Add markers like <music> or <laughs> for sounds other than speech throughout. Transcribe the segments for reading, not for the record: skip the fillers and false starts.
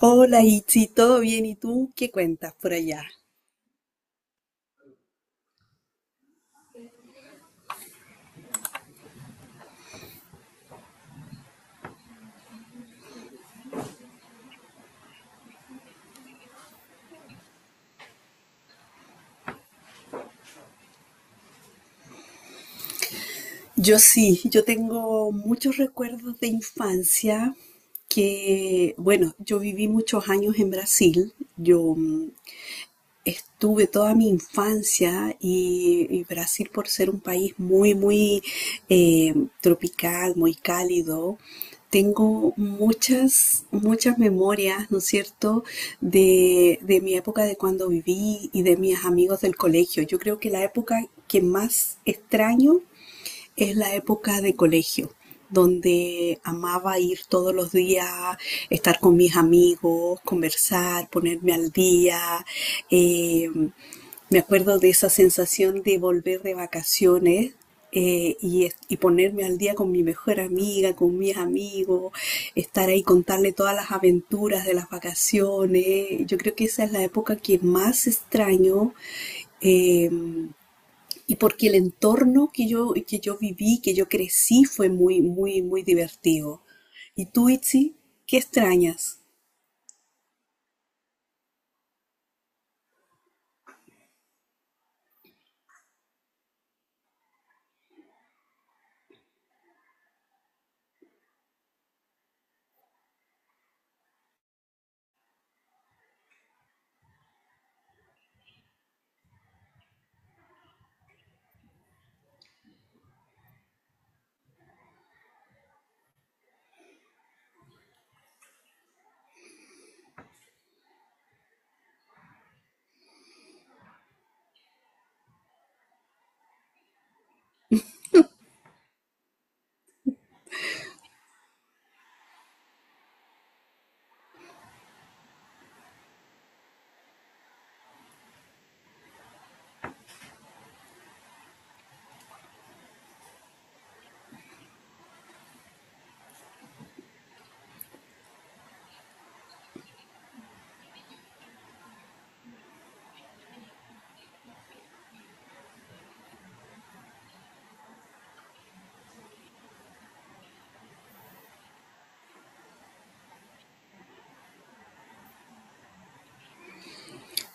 Hola, Itzi, ¿todo bien? ¿Y tú qué cuentas por allá? Yo sí, yo tengo muchos recuerdos de infancia que, bueno, yo viví muchos años en Brasil. Estuve toda mi infancia y Brasil, por ser un país muy, muy eh, tropical, muy cálido, tengo muchas memorias, ¿no es cierto?, de mi época de cuando viví y de mis amigos del colegio. Yo creo que la época que más extraño es la época de colegio, donde amaba ir todos los días, estar con mis amigos, conversar, ponerme al día. Eh, Me acuerdo de esa sensación de volver de vacaciones. Y ponerme al día con mi mejor amiga, con mis amigos, estar ahí, contarle todas las aventuras de las vacaciones. Yo creo que esa es la época que más extraño, eh, y porque el entorno que yo viví, que yo crecí, fue muy, muy divertido. ¿Y tú, Itzi, qué extrañas?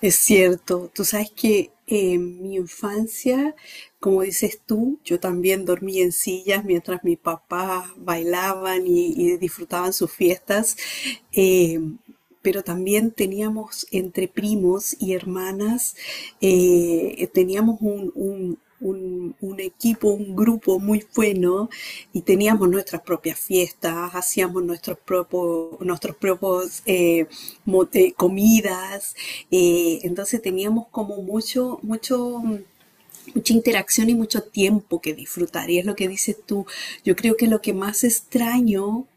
Es cierto, tú sabes que en mi infancia, como dices tú, yo también dormí en sillas mientras mis papás bailaban y disfrutaban sus fiestas, eh, pero también teníamos entre primos y hermanas, teníamos un equipo, un grupo muy bueno y teníamos nuestras propias fiestas, hacíamos nuestros propios comidas, entonces teníamos como mucha interacción y mucho tiempo que disfrutar. Y es lo que dices tú, yo creo que lo que más extraño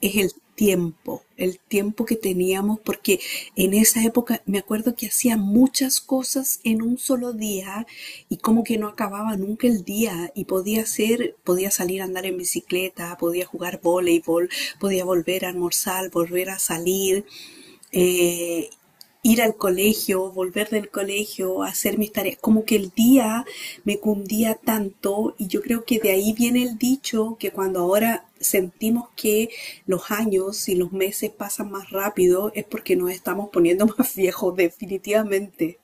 es el tiempo que teníamos, porque en esa época me acuerdo que hacía muchas cosas en un solo día y como que no acababa nunca el día y podía hacer, podía salir a andar en bicicleta, podía jugar voleibol, podía volver a almorzar, volver a salir, eh, ir al colegio, volver del colegio, hacer mis tareas, como que el día me cundía tanto y yo creo que de ahí viene el dicho que cuando ahora sentimos que los años y los meses pasan más rápido es porque nos estamos poniendo <laughs> más viejos definitivamente.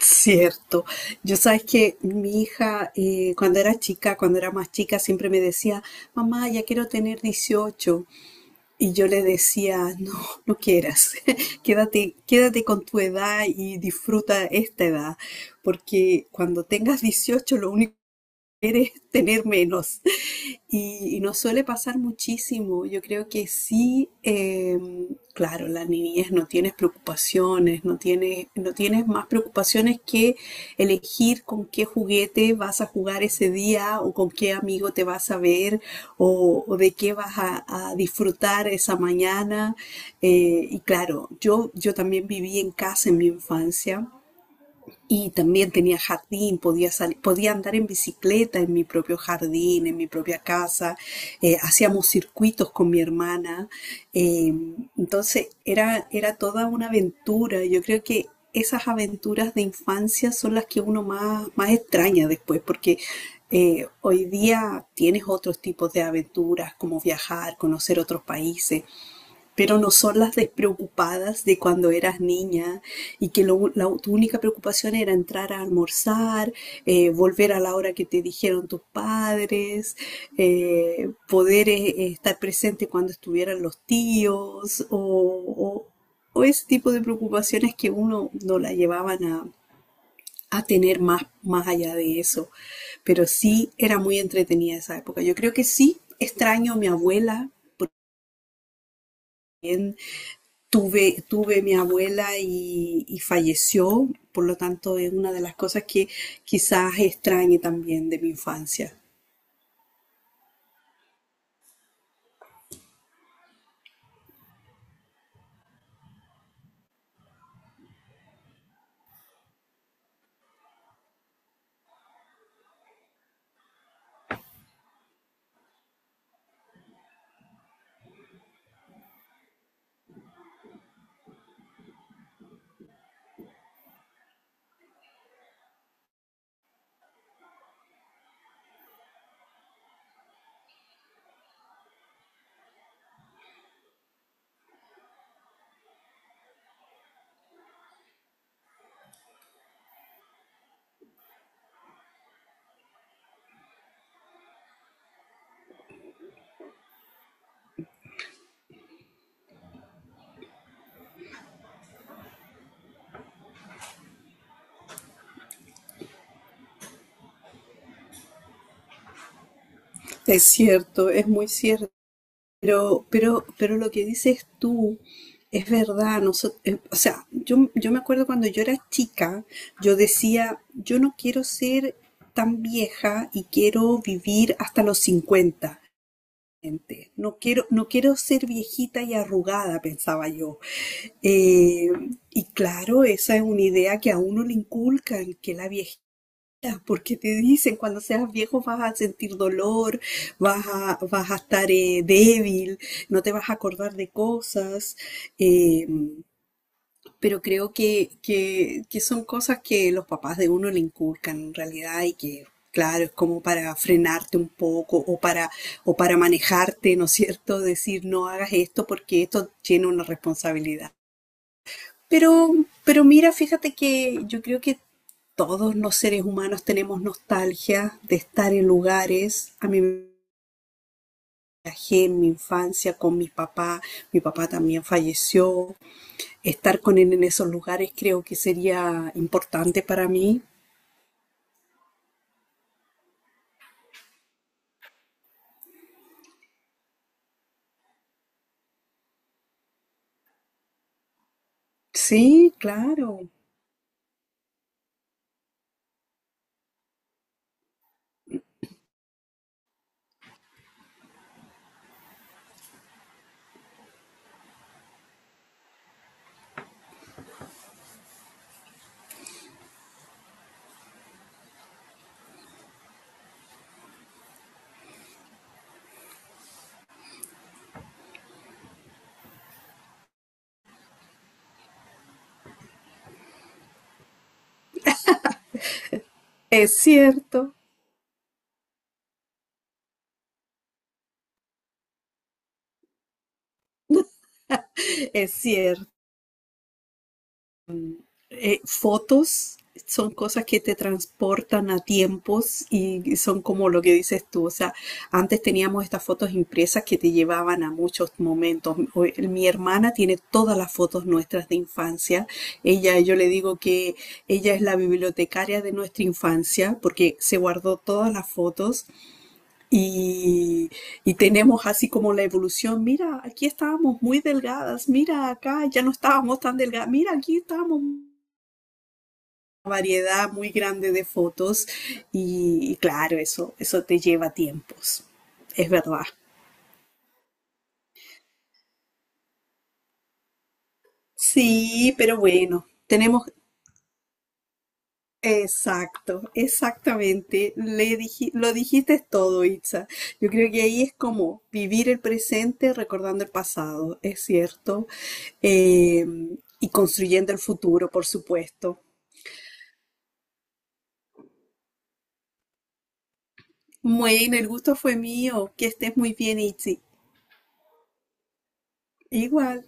Cierto. Yo sabes que mi hija, cuando era chica, cuando era más chica, siempre me decía, mamá, ya quiero tener 18. Y yo le decía, no, no quieras, <laughs> quédate, quédate con tu edad y disfruta esta edad, porque cuando tengas 18 lo único que quieres es tener menos. Y nos suele pasar muchísimo. Yo creo que sí, claro, la niñez no tienes preocupaciones, no tienes más preocupaciones que elegir con qué juguete vas a jugar ese día o con qué amigo te vas a ver o de qué vas a disfrutar esa mañana. Y claro, yo también viví en casa en mi infancia. Y también tenía jardín, podía salir, podía andar en bicicleta en mi propio jardín, en mi propia casa. Hacíamos circuitos con mi hermana. eh, entonces era toda una aventura. Yo creo que esas aventuras de infancia son las que uno más extraña después, porque hoy día tienes otros tipos de aventuras, como viajar, conocer otros países, pero no son las despreocupadas de cuando eras niña y que tu única preocupación era entrar a almorzar, volver a la hora que te dijeron tus padres, poder estar presente cuando estuvieran los tíos o ese tipo de preocupaciones que uno no la llevaban a tener más allá de eso. Pero sí era muy entretenida esa época. Yo creo que sí extraño a mi abuela. Tuve mi abuela y falleció, por lo tanto es una de las cosas que quizás extrañe también de mi infancia. Es cierto, es muy cierto, pero lo que dices tú es verdad. O sea, yo me acuerdo cuando yo era chica, yo decía, yo no quiero ser tan vieja y quiero vivir hasta los 50 gente. No quiero, no quiero ser viejita y arrugada, pensaba yo. Eh, y claro, esa es una idea que a uno le inculcan, que la viejita, porque te dicen, cuando seas viejo vas a sentir dolor, vas a estar débil, no te vas a acordar de cosas, eh, pero creo que son cosas que los papás de uno le inculcan en realidad y que... Claro, es como para frenarte un poco o para manejarte, ¿no es cierto? Decir, no hagas esto porque esto tiene una responsabilidad. Pero, pero mira, fíjate que yo creo que todos los seres humanos tenemos nostalgia de estar en lugares. A mí me viajé en mi infancia con mi papá también falleció. Estar con él en esos lugares creo que sería importante para mí. Sí, claro, es cierto, es cierto. Fotos son cosas que te transportan a tiempos y son como lo que dices tú. O sea, antes teníamos estas fotos impresas que te llevaban a muchos momentos. Mi hermana tiene todas las fotos nuestras de infancia. Ella, yo le digo que ella es la bibliotecaria de nuestra infancia porque se guardó todas las fotos y, y tenemos así como la evolución. Mira, aquí estábamos muy delgadas. Mira, acá ya no estábamos tan delgadas. Mira, aquí estábamos variedad muy grande de fotos y claro, eso te lleva tiempos, es verdad. Sí, pero bueno, tenemos... Exacto, exactamente. Lo dijiste todo, Itza. Yo creo que ahí es como vivir el presente recordando el pasado, es cierto, eh, y construyendo el futuro, por supuesto. Bueno, el gusto fue mío. Que estés muy bien, Itzi. Igual.